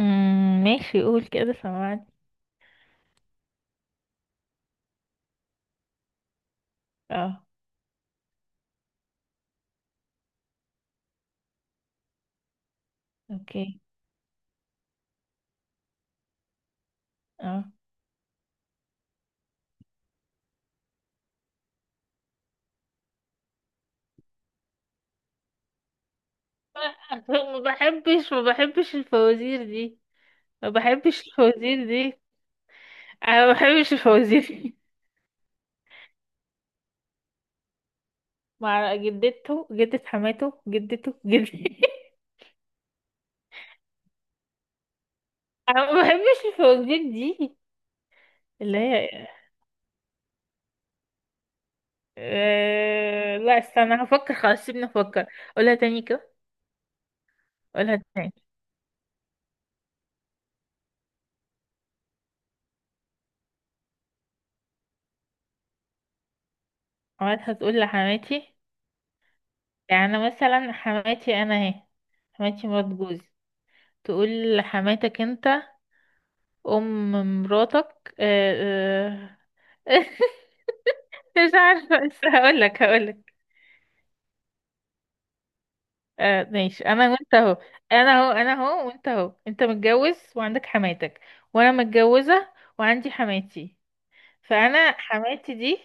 ماشي، قول كده. سمعت. اه. اوكي. اه. ما بحبش الفوازير دي. ما بحبش الفوازير دي. انا ما بحبش الفوازير دي. مع جدته، جدة حماته، جدته، جدتي. انا ما بحبش الفوازير دي. اللي هي... لا، استنى هفكر. خلاص، سيبني افكر. قولها تاني كده. قولها تاني. اوقات هتقول لحماتي. يعني مثلا، حماتي انا اهي. حماتي مرات جوزي، تقول لحماتك انت ام مراتك. آه. مش عارفه، بس هقول لك. آه، ماشي، انا وانت اهو. انا اهو وانت اهو، انت متجوز وعندك حماتك، وانا متجوزه وعندي حماتي. فانا حماتي دي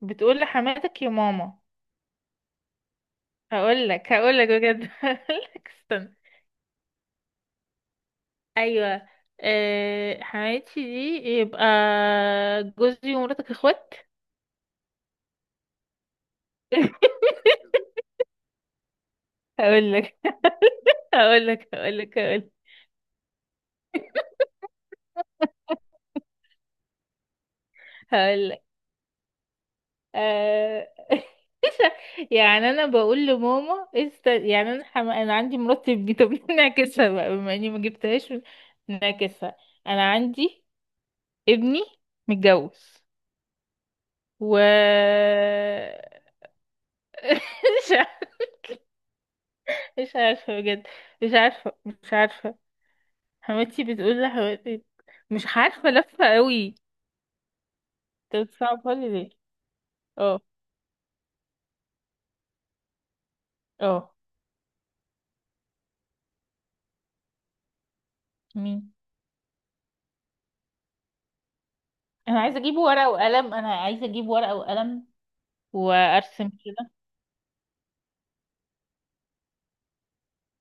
بتقول لحماتك يا ماما. هقول لك بجد. هقول لك، استنى. ايوه. آه، حماتي دي يبقى جوزي ومراتك اخوات. هقول لك هقول لك هقول لك. هقول لك. هقول آه... يعني انا بقول لماما. يعني انا عندي مرتب. طب نعكسها بقى، بما اني ما جبتهاش. نعكسها. انا عندي ابني متجوز و... مش عارفة. مش عارفة بجد. مش عارفة. حماتي بتقول لحماتي. مش عارفة، لفة قوي. انت بتصعبها لي ليه؟ اه. اه. مين؟ انا عايزة اجيب ورقة وقلم انا عايزة اجيب ورقة وقلم وارسم كده.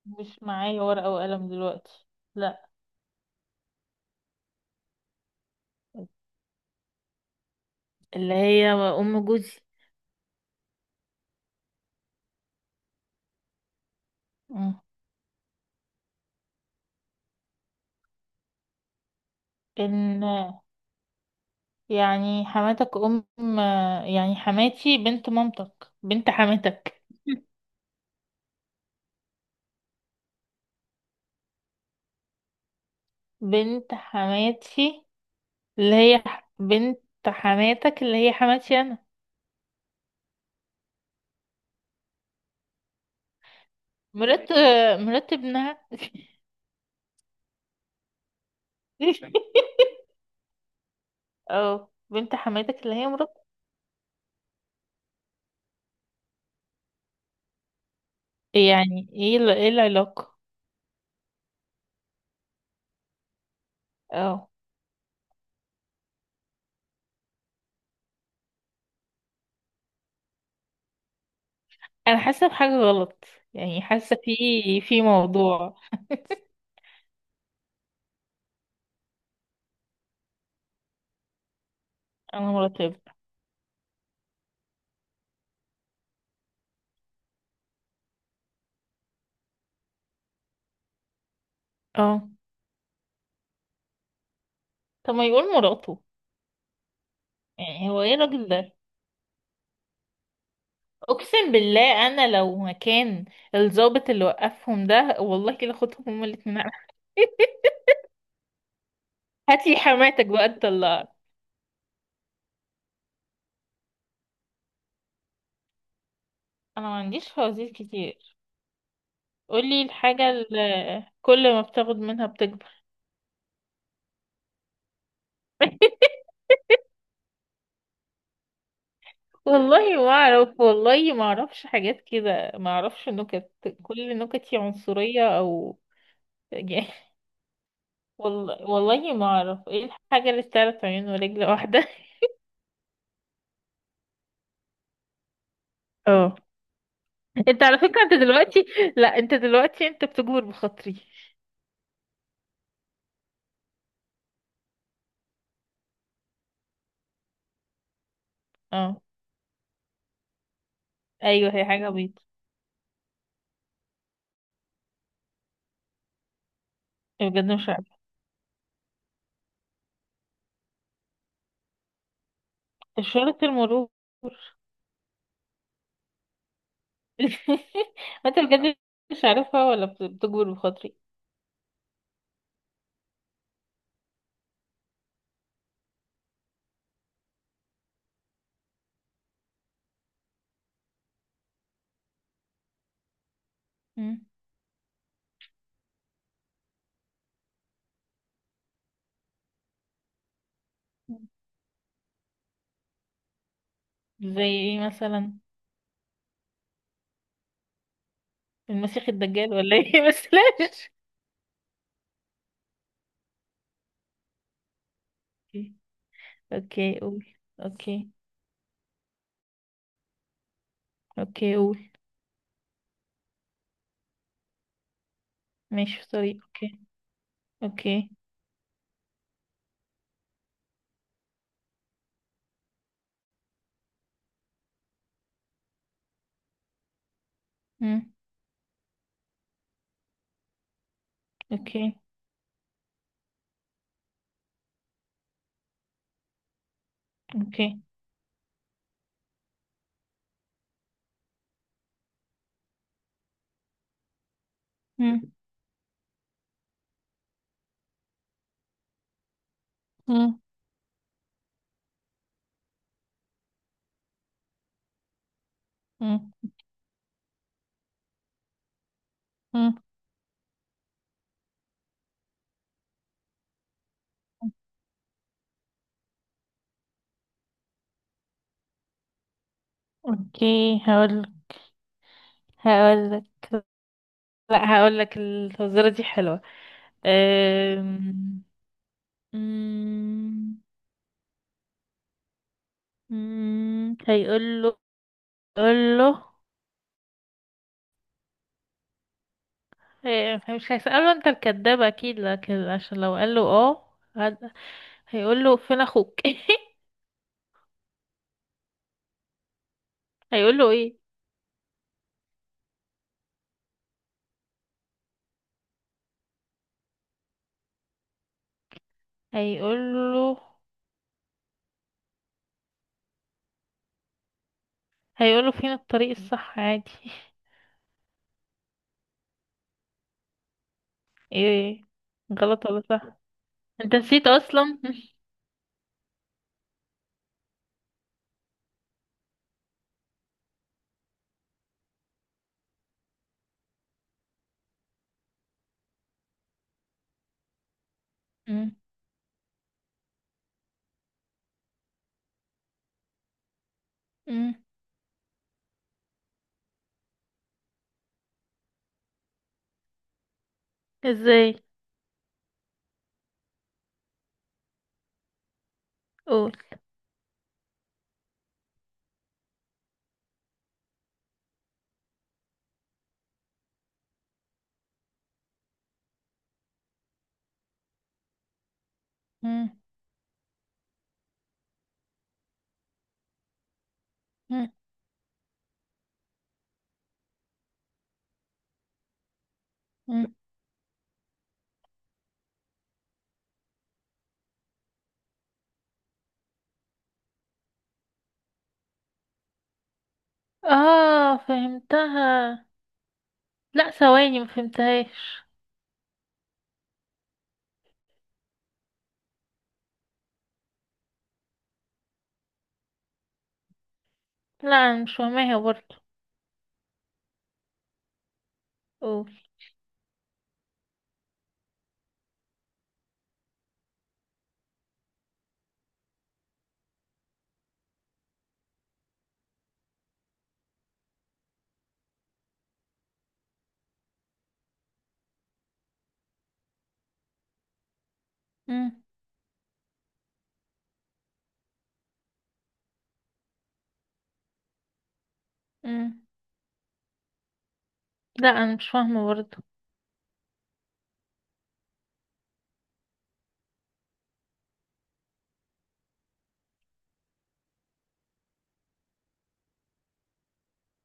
مش معايا ورقة وقلم دلوقتي. لا. اللي هي ام جوزي. مم. ان يعني حماتك ام، يعني حماتي بنت مامتك، بنت حماتك. بنت حماتي اللي هي بنت حماتك، اللي هي حماتي انا. مرات مرات ابنها. اه، بنت حماتك اللي هي مرات. يعني ايه ايه العلاقة؟ اه. انا حاسه بحاجه غلط. يعني حاسه في موضوع. انا مراقب. اه. طب ما يقول مراته. يعني هو ايه الراجل ده؟ اقسم بالله انا لو مكان الضابط اللي وقفهم ده، والله كده خدهم هما الاتنين. هات لي حماتك بقى تطلعك. انا ما عنديش فوازير كتير. قولي الحاجه اللي كل ما بتاخد منها بتكبر. والله ما اعرف، والله ما اعرفش حاجات كده، ما اعرفش نكت. كل نكتي عنصريه او... والله ما اعرف ايه الحاجة اللي بتعرف عيون ورجل واحدة. اه. انت على فكرة، انت دلوقتي... لا، انت دلوقتي انت بتجبر بخاطري. اه. ايوه، هي حاجة بيضة. بجد مش عارفة. اشارة المرور. انت بجد مش عارفها ولا بتجبر بخاطري؟ مم. زي ايه مثلا؟ المسيح الدجال ولا ايه؟ بس لاش. اوكي، قول. اوكي. اوكي، قول. ماشي في طريق، اوكي. اوكي. مم. اوكي. اوكي. مم. مم. مم. مم. اوكي، هقول لك. لا، هقول لك الفزوره دي حلوه. أم... مم. مم. هيقول له. قول له. إيه، مش هيسأله انت الكداب اكيد، لكن عشان لو قال له اه هيقول له فين اخوك؟ هيقول له ايه؟ هيقول له. هيقول له فين الطريق الصح عادي. ايه؟ غلط ولا صح؟ انت نسيت اصلا. مم. مم. ازاي؟ قول. مم. مم. مم. اه، فهمتها. لا، ثواني، ما فهمتهاش. لا، انا مش فاهماها برضه. قول. مم. مم. لا، انا مش فاهمه برضه.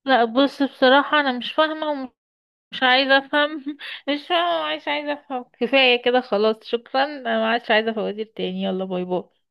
لا، بص، بصراحه انا مش فاهمه ومش عايزه افهم. مش فاهمه ومش عايزه افهم. كفايه كده، خلاص، شكرا. انا ما عادش عايزه فوازير تاني. يلا، باي باي.